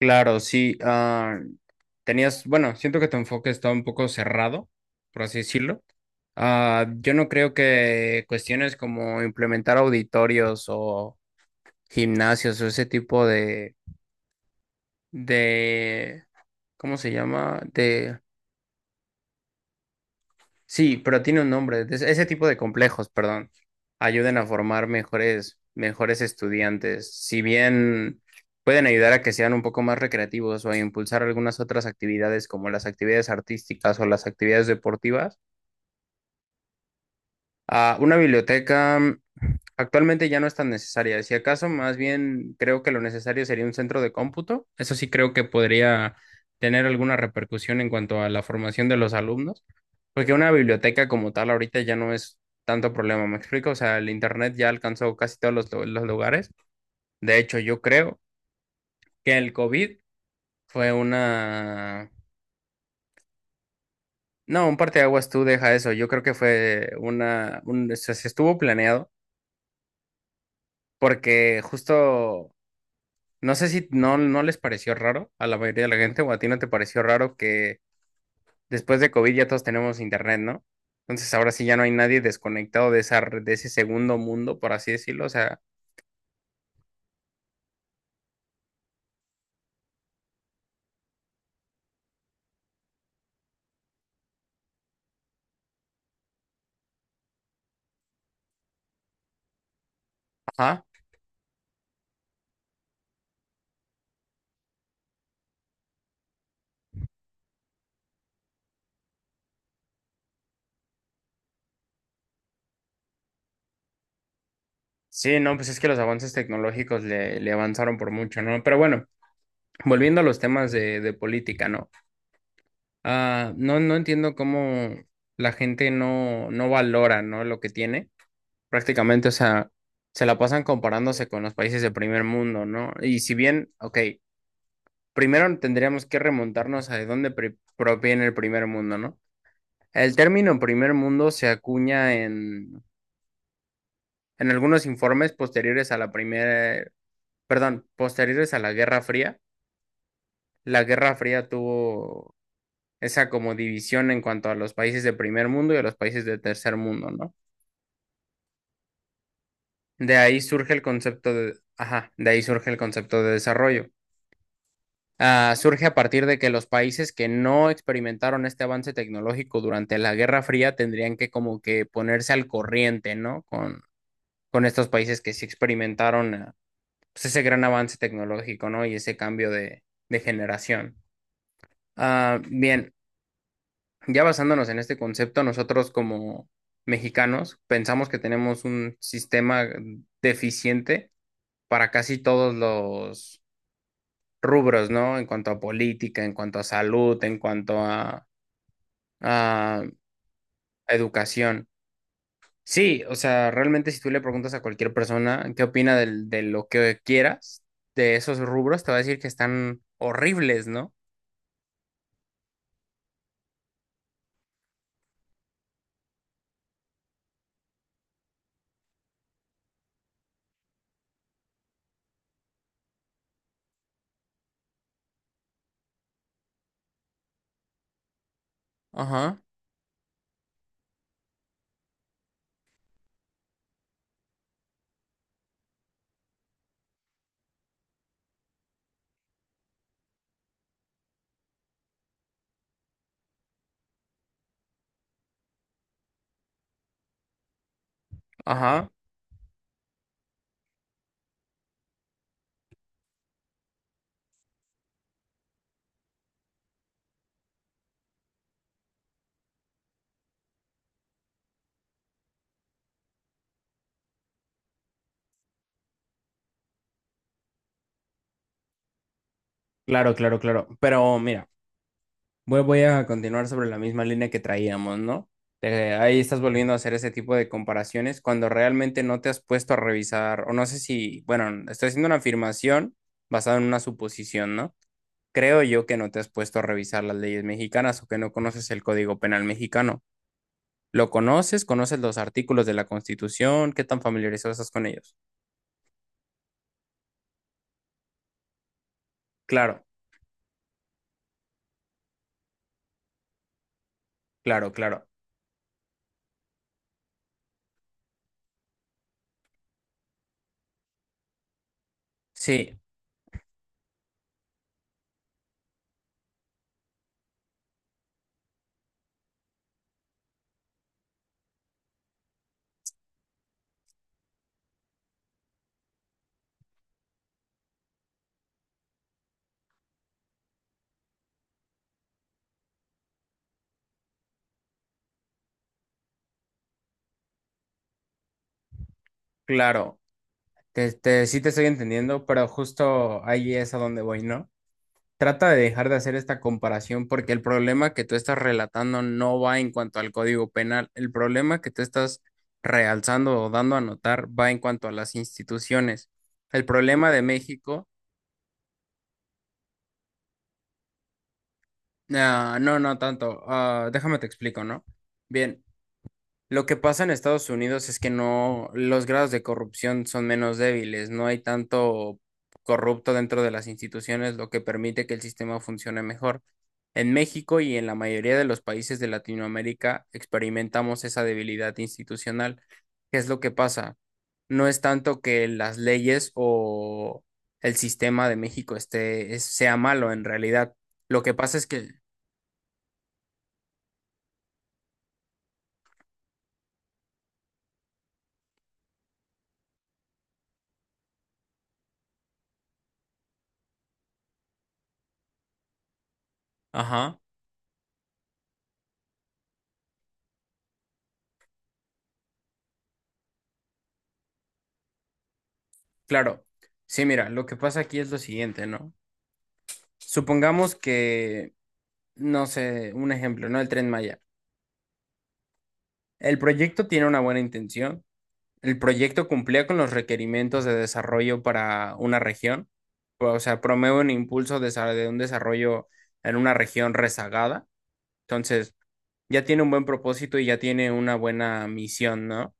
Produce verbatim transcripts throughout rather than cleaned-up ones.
Claro, sí. ah, tenías, bueno, siento que tu enfoque está un poco cerrado, por así decirlo. Ah, yo no creo que cuestiones como implementar auditorios o gimnasios o ese tipo de, de, ¿cómo se llama? De Sí, pero tiene un nombre. Es- Ese tipo de complejos, perdón, ayuden a formar mejores, mejores estudiantes. Si bien pueden ayudar a que sean un poco más recreativos o a impulsar algunas otras actividades como las actividades artísticas o las actividades deportivas. Ah, una biblioteca actualmente ya no es tan necesaria. Si acaso, más bien creo que lo necesario sería un centro de cómputo. Eso sí creo que podría tener alguna repercusión en cuanto a la formación de los alumnos, porque una biblioteca como tal ahorita ya no es tanto problema. ¿Me explico? O sea, el internet ya alcanzó casi todos los, lu- los lugares. De hecho, yo creo que el COVID fue una. No, un parteaguas tú deja eso. Yo creo que fue una, un, o sea, se estuvo planeado porque justo no sé si no, no les pareció raro a la mayoría de la gente o a ti no te pareció raro que después de COVID ya todos tenemos internet, ¿no? Entonces ahora sí ya no hay nadie desconectado de esa, re- de ese segundo mundo, por así decirlo. O sea, ajá. Sí, no, pues es que los avances tecnológicos le, le avanzaron por mucho, ¿no? Pero bueno, volviendo a los temas de, de política, ¿no? Ah, no, no entiendo cómo la gente no, no valora, ¿no? Lo que tiene. Prácticamente, o sea, se la pasan comparándose con los países de primer mundo, ¿no? Y si bien, ok. Primero tendríamos que remontarnos a de dónde pri- proviene el primer mundo, ¿no? El término primer mundo se acuña en, en algunos informes posteriores a la primera, perdón, posteriores a la Guerra Fría. La Guerra Fría tuvo esa como división en cuanto a los países de primer mundo y a los países de tercer mundo, ¿no? De ahí surge el concepto de, ajá, de ahí surge el concepto de desarrollo. ah, surge a partir de que los países que no experimentaron este avance tecnológico durante la Guerra Fría tendrían que como que ponerse al corriente, ¿no? Con, con estos países que sí experimentaron, ah, pues ese gran avance tecnológico, ¿no? Y ese cambio de, de generación. Ah, bien, ya basándonos en este concepto, nosotros como mexicanos pensamos que tenemos un sistema deficiente para casi todos los rubros, ¿no? En cuanto a política, en cuanto a salud, en cuanto a a educación. Sí, o sea, realmente si tú le preguntas a cualquier persona qué opina del- de lo que quieras, de esos rubros, te va a decir que están horribles, ¿no? Ajá, ajá. Claro, claro, claro. Pero mira, voy, voy a continuar sobre la misma línea que traíamos, ¿no? Eh, ahí estás volviendo a hacer ese tipo de comparaciones cuando realmente no te has puesto a revisar, o no sé si, bueno, estoy haciendo una afirmación basada en una suposición, ¿no? Creo yo que no te has puesto a revisar las leyes mexicanas o que no conoces el Código Penal mexicano. ¿Lo conoces? ¿Conoces los artículos de la Constitución? ¿Qué tan familiarizado estás con ellos? Claro, claro, claro. Sí, claro. Te, te- sí te estoy entendiendo, pero justo ahí es a donde voy, ¿no? Trata de dejar de hacer esta comparación porque el problema que tú estás relatando no va en cuanto al Código Penal. El problema que tú estás realzando o dando a notar va en cuanto a las instituciones. El problema de México. Ah, no, no tanto. Ah, déjame te explico, ¿no? Bien, lo que pasa en Estados Unidos es que no, los grados de corrupción son menos débiles, no hay tanto corrupto dentro de las instituciones, lo que permite que el sistema funcione mejor. En México y en la mayoría de los países de Latinoamérica experimentamos esa debilidad institucional. ¿Qué es lo que pasa? No es tanto que las leyes o el sistema de México esté, es- sea malo en realidad. Lo que pasa es que... Ajá, claro. Sí, mira, lo que pasa aquí es lo siguiente, ¿no? Supongamos que, no sé, un ejemplo, ¿no? El Tren Maya. El proyecto tiene una buena intención. El proyecto cumplía con los requerimientos de desarrollo para una región. O sea, promueve un impulso de sa- de un desarrollo en una región rezagada. Entonces, ya tiene un buen propósito y ya tiene una buena misión, ¿no?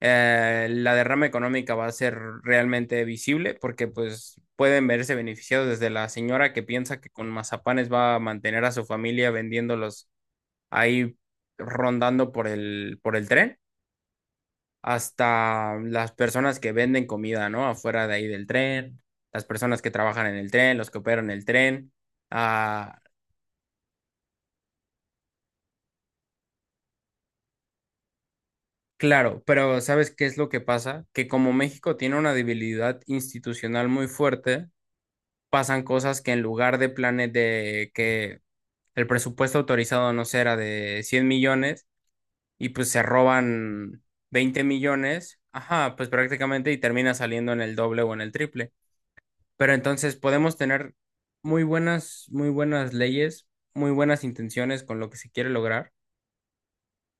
eh, la derrama económica va a ser realmente visible porque pues pueden verse beneficiados desde la señora que piensa que con mazapanes va a mantener a su familia vendiéndolos ahí rondando por el, por el, tren, hasta las personas que venden comida, ¿no? Afuera de ahí del tren, las personas que trabajan en el tren, los que operan el tren. Ah, claro, pero ¿sabes qué es lo que pasa? Que como México tiene una debilidad institucional muy fuerte, pasan cosas que en lugar de planes de que el presupuesto autorizado, no sé, era de cien millones y pues se roban veinte millones, ajá, pues prácticamente y termina saliendo en el doble o en el triple. Pero entonces podemos tener muy buenas, muy buenas leyes, muy buenas intenciones con lo que se quiere lograr,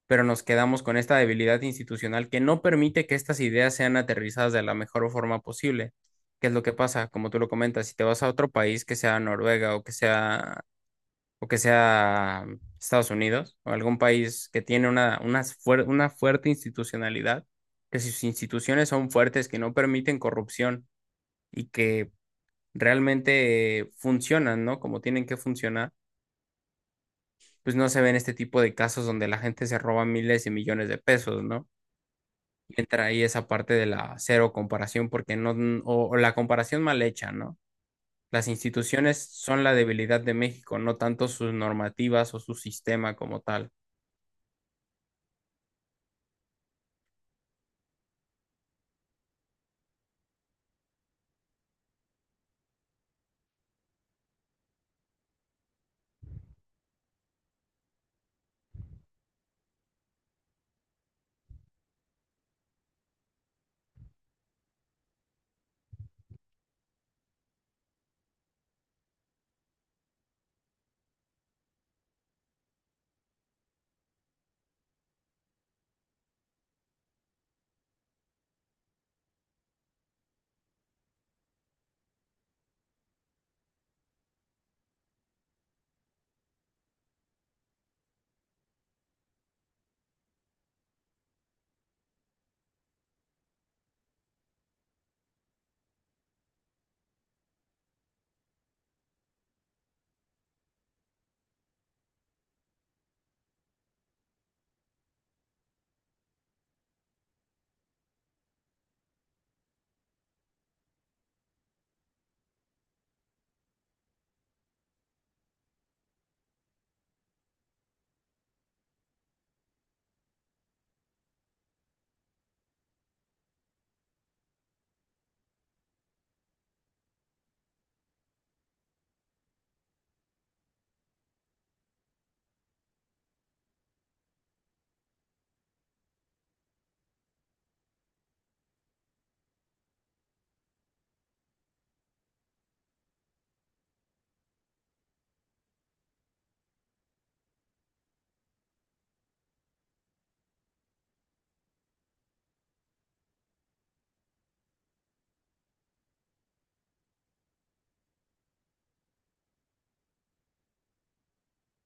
pero nos quedamos con esta debilidad institucional que no permite que estas ideas sean aterrizadas de la mejor forma posible. ¿Qué es lo que pasa? Como tú lo comentas, si te vas a otro país, que sea Noruega o que sea o que sea Estados Unidos o algún país que tiene una, unas fuer- una fuerte institucionalidad, que sus instituciones son fuertes, que no permiten corrupción y que realmente eh, funcionan, ¿no? Como tienen que funcionar, pues no se ven este tipo de casos donde la gente se roba miles y millones de pesos, ¿no? Y entra ahí esa parte de la cero comparación, porque no, o o la comparación mal hecha, ¿no? Las instituciones son la debilidad de México, no tanto sus normativas o su sistema como tal.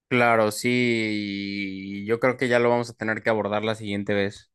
Claro, sí, y yo creo que ya lo vamos a tener que abordar la siguiente vez.